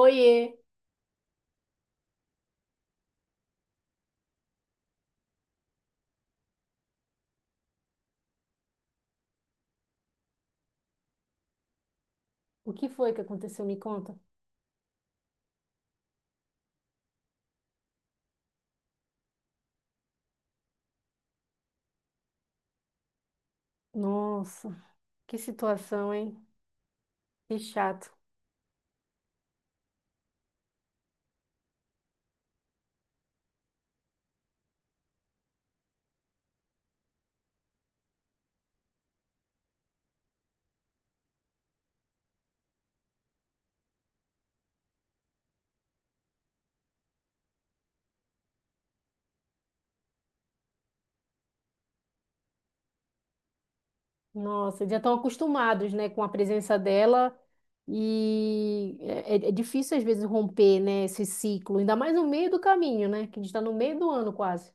Oiê, o que foi que aconteceu? Me conta. Nossa, que situação, hein? Que chato. Nossa, já estão acostumados, né, com a presença dela e é difícil às vezes romper, né, esse ciclo, ainda mais no meio do caminho, né, que a gente está no meio do ano quase.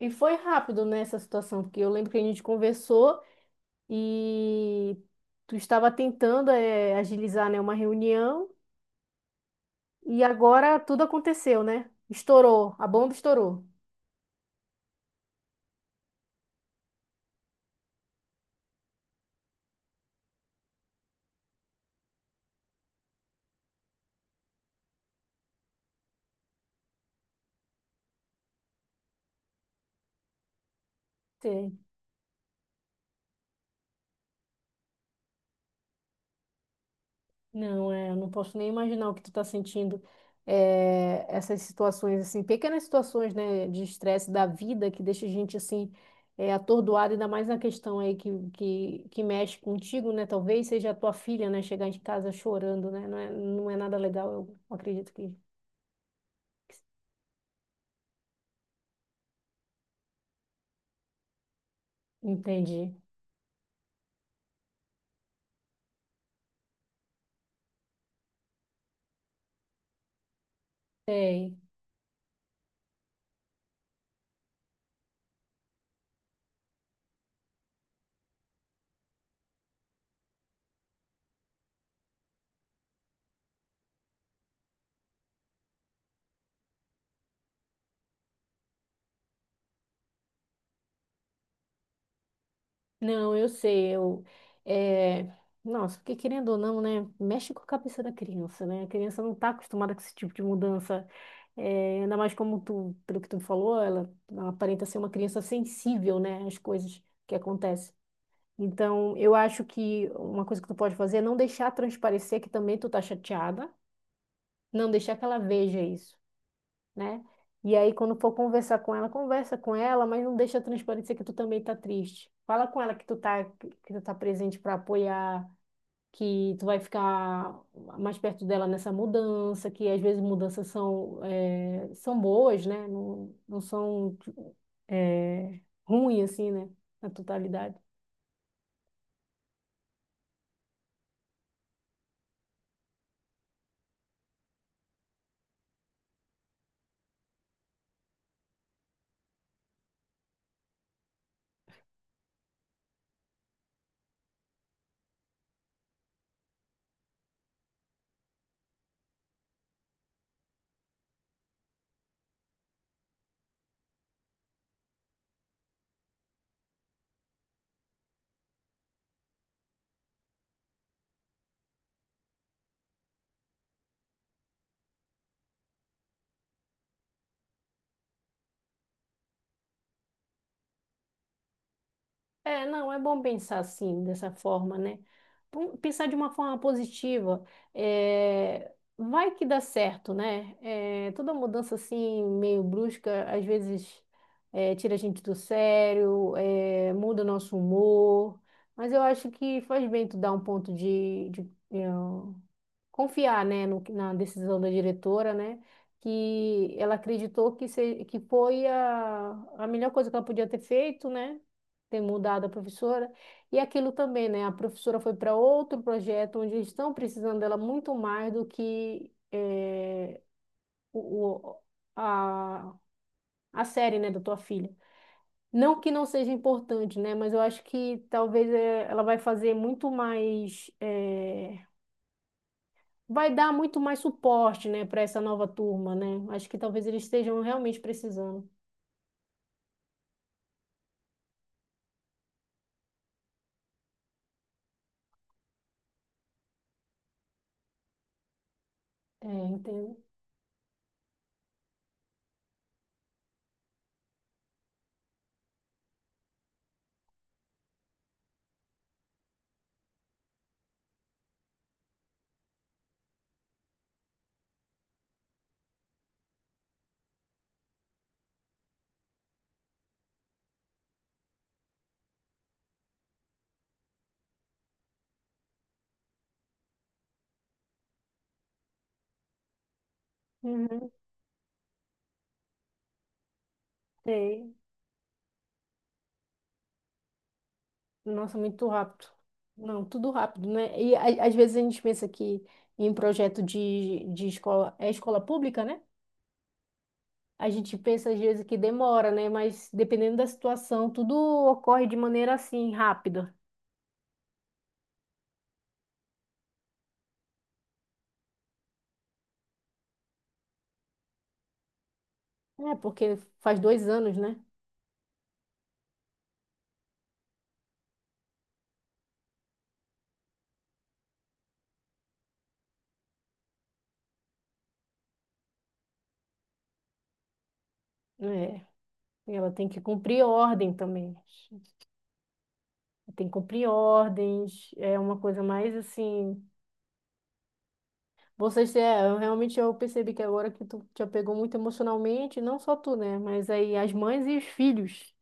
E foi rápido nessa situação, porque eu lembro que a gente conversou e tu estava tentando agilizar, né, uma reunião e agora tudo aconteceu, né? Estourou, a bomba estourou. Não, é, eu não posso nem imaginar o que tu tá sentindo. É, essas situações, assim, pequenas situações, né, de estresse da vida que deixa a gente, assim, é, atordoado, ainda mais na questão aí que mexe contigo, né? Talvez seja a tua filha, né, chegar em casa chorando, né? Não é, não é nada legal, eu acredito que. Entendi. Sei. Não, eu sei, eu... É... Nossa, porque querendo ou não, né, mexe com a cabeça da criança, né? A criança não tá acostumada com esse tipo de mudança. É, ainda mais como tu, pelo que tu falou, ela aparenta ser uma criança sensível, né, às coisas que acontecem. Então, eu acho que uma coisa que tu pode fazer é não deixar transparecer que também tu tá chateada, não deixar que ela veja isso, né? E aí, quando for conversar com ela, conversa com ela, mas não deixa transparecer que tu também tá triste. Fala com ela que tu tá presente para apoiar, que tu vai ficar mais perto dela nessa mudança, que às vezes mudanças são, são boas, né? Não, não são, eh, ruins, assim, né? Na totalidade. É, não, é bom pensar assim, dessa forma, né? Pensar de uma forma positiva. É, vai que dá certo, né? É, toda mudança assim, meio brusca, às vezes é, tira a gente do sério, é, muda o nosso humor. Mas eu acho que faz bem tu dar um ponto confiar, né, na decisão da diretora, né, que ela acreditou que, que foi a melhor coisa que ela podia ter feito, né, ter mudado a professora. E aquilo também, né, a professora foi para outro projeto onde eles estão precisando dela muito mais do que o, o- a, a série, né, da tua filha. Não que não seja importante, né, mas eu acho que talvez ela vai fazer muito mais. Vai dar muito mais suporte, né, para essa nova turma, né? Acho que talvez eles estejam realmente precisando. É, entendo. Uhum, sei. Nossa, muito rápido. Não, tudo rápido, né? Às vezes a gente pensa que em projeto de escola, é escola pública, né? A gente pensa às vezes que demora, né? Mas dependendo da situação, tudo ocorre de maneira assim, rápida. É, porque faz dois anos, né? É, e ela tem que cumprir ordem também. Tem que cumprir ordens, é uma coisa mais assim. Vocês é, eu realmente eu percebi que agora que tu te apegou muito emocionalmente, não só tu, né? Mas aí as mães e os filhos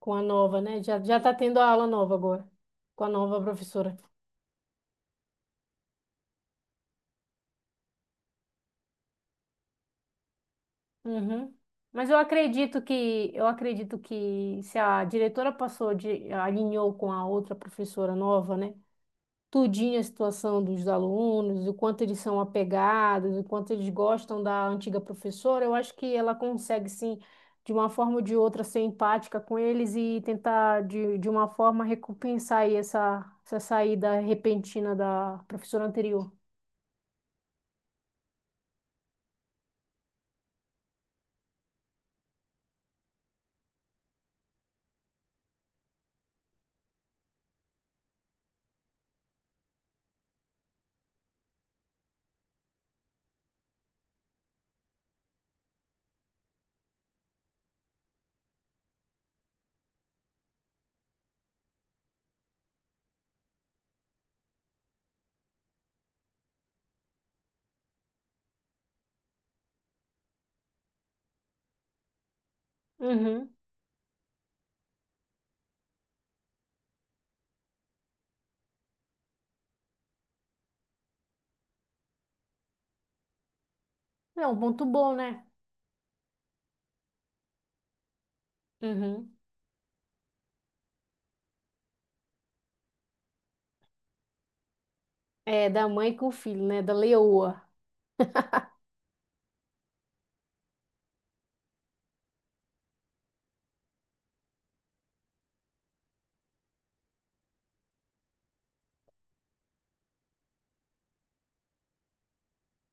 com a nova, né? Já, já tá tendo a aula nova agora, com a nova professora. Uhum. Mas eu acredito que se a diretora passou de alinhou com a outra professora nova, né? Tudinho a situação dos alunos, o quanto eles são apegados, o quanto eles gostam da antiga professora, eu acho que ela consegue, sim, de uma forma ou de outra, ser empática com eles e tentar, de uma forma, recompensar aí essa saída repentina da professora anterior. Uhum. É um ponto bom, né? Uhum. É, da mãe com o filho, né? Da leoa.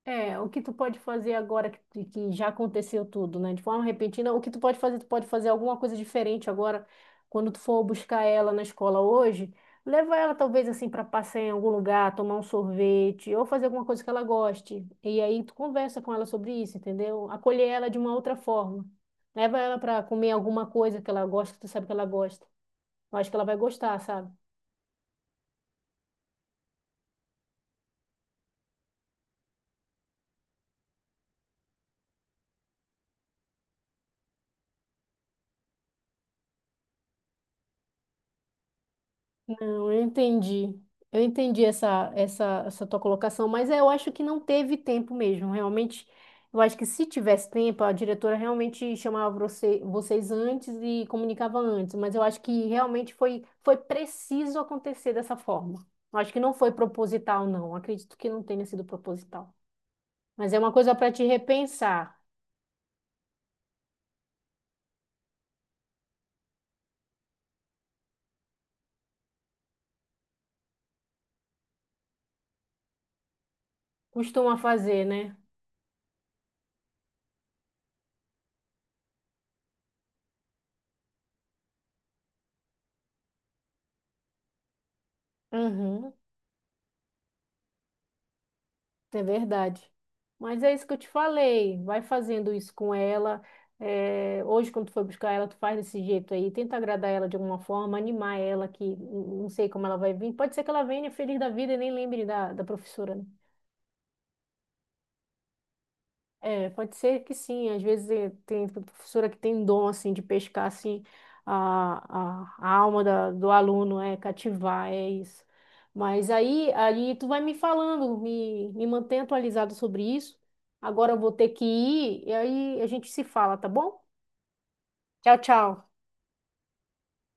É, o que tu pode fazer agora que já aconteceu tudo, né? De forma repentina, o que tu pode fazer? Tu pode fazer alguma coisa diferente agora, quando tu for buscar ela na escola hoje, leva ela talvez assim para passear em algum lugar, tomar um sorvete ou fazer alguma coisa que ela goste. E aí tu conversa com ela sobre isso, entendeu? Acolher ela de uma outra forma. Leva ela para comer alguma coisa que ela gosta, que tu sabe que ela gosta. Eu acho que ela vai gostar, sabe? Não, eu entendi. Eu entendi essa tua colocação, mas é, eu acho que não teve tempo mesmo. Realmente, eu acho que se tivesse tempo, a diretora realmente chamava vocês antes e comunicava antes, mas eu acho que realmente foi, foi preciso acontecer dessa forma. Eu acho que não foi proposital, não. Acredito que não tenha sido proposital. Mas é uma coisa para te repensar. Costuma fazer, né? Uhum. É verdade. Mas é isso que eu te falei. Vai fazendo isso com ela. É, hoje, quando tu for buscar ela, tu faz desse jeito aí. Tenta agradar ela de alguma forma, animar ela, não sei como ela vai vir. Pode ser que ela venha feliz da vida e nem lembre da professora, né? É, pode ser que sim. Às vezes tem professora que tem dom assim de pescar assim a alma do aluno, é cativar, é isso. Mas aí, aí tu vai me falando, me mantém atualizado sobre isso. Agora eu vou ter que ir e aí a gente se fala, tá bom? Tchau, tchau.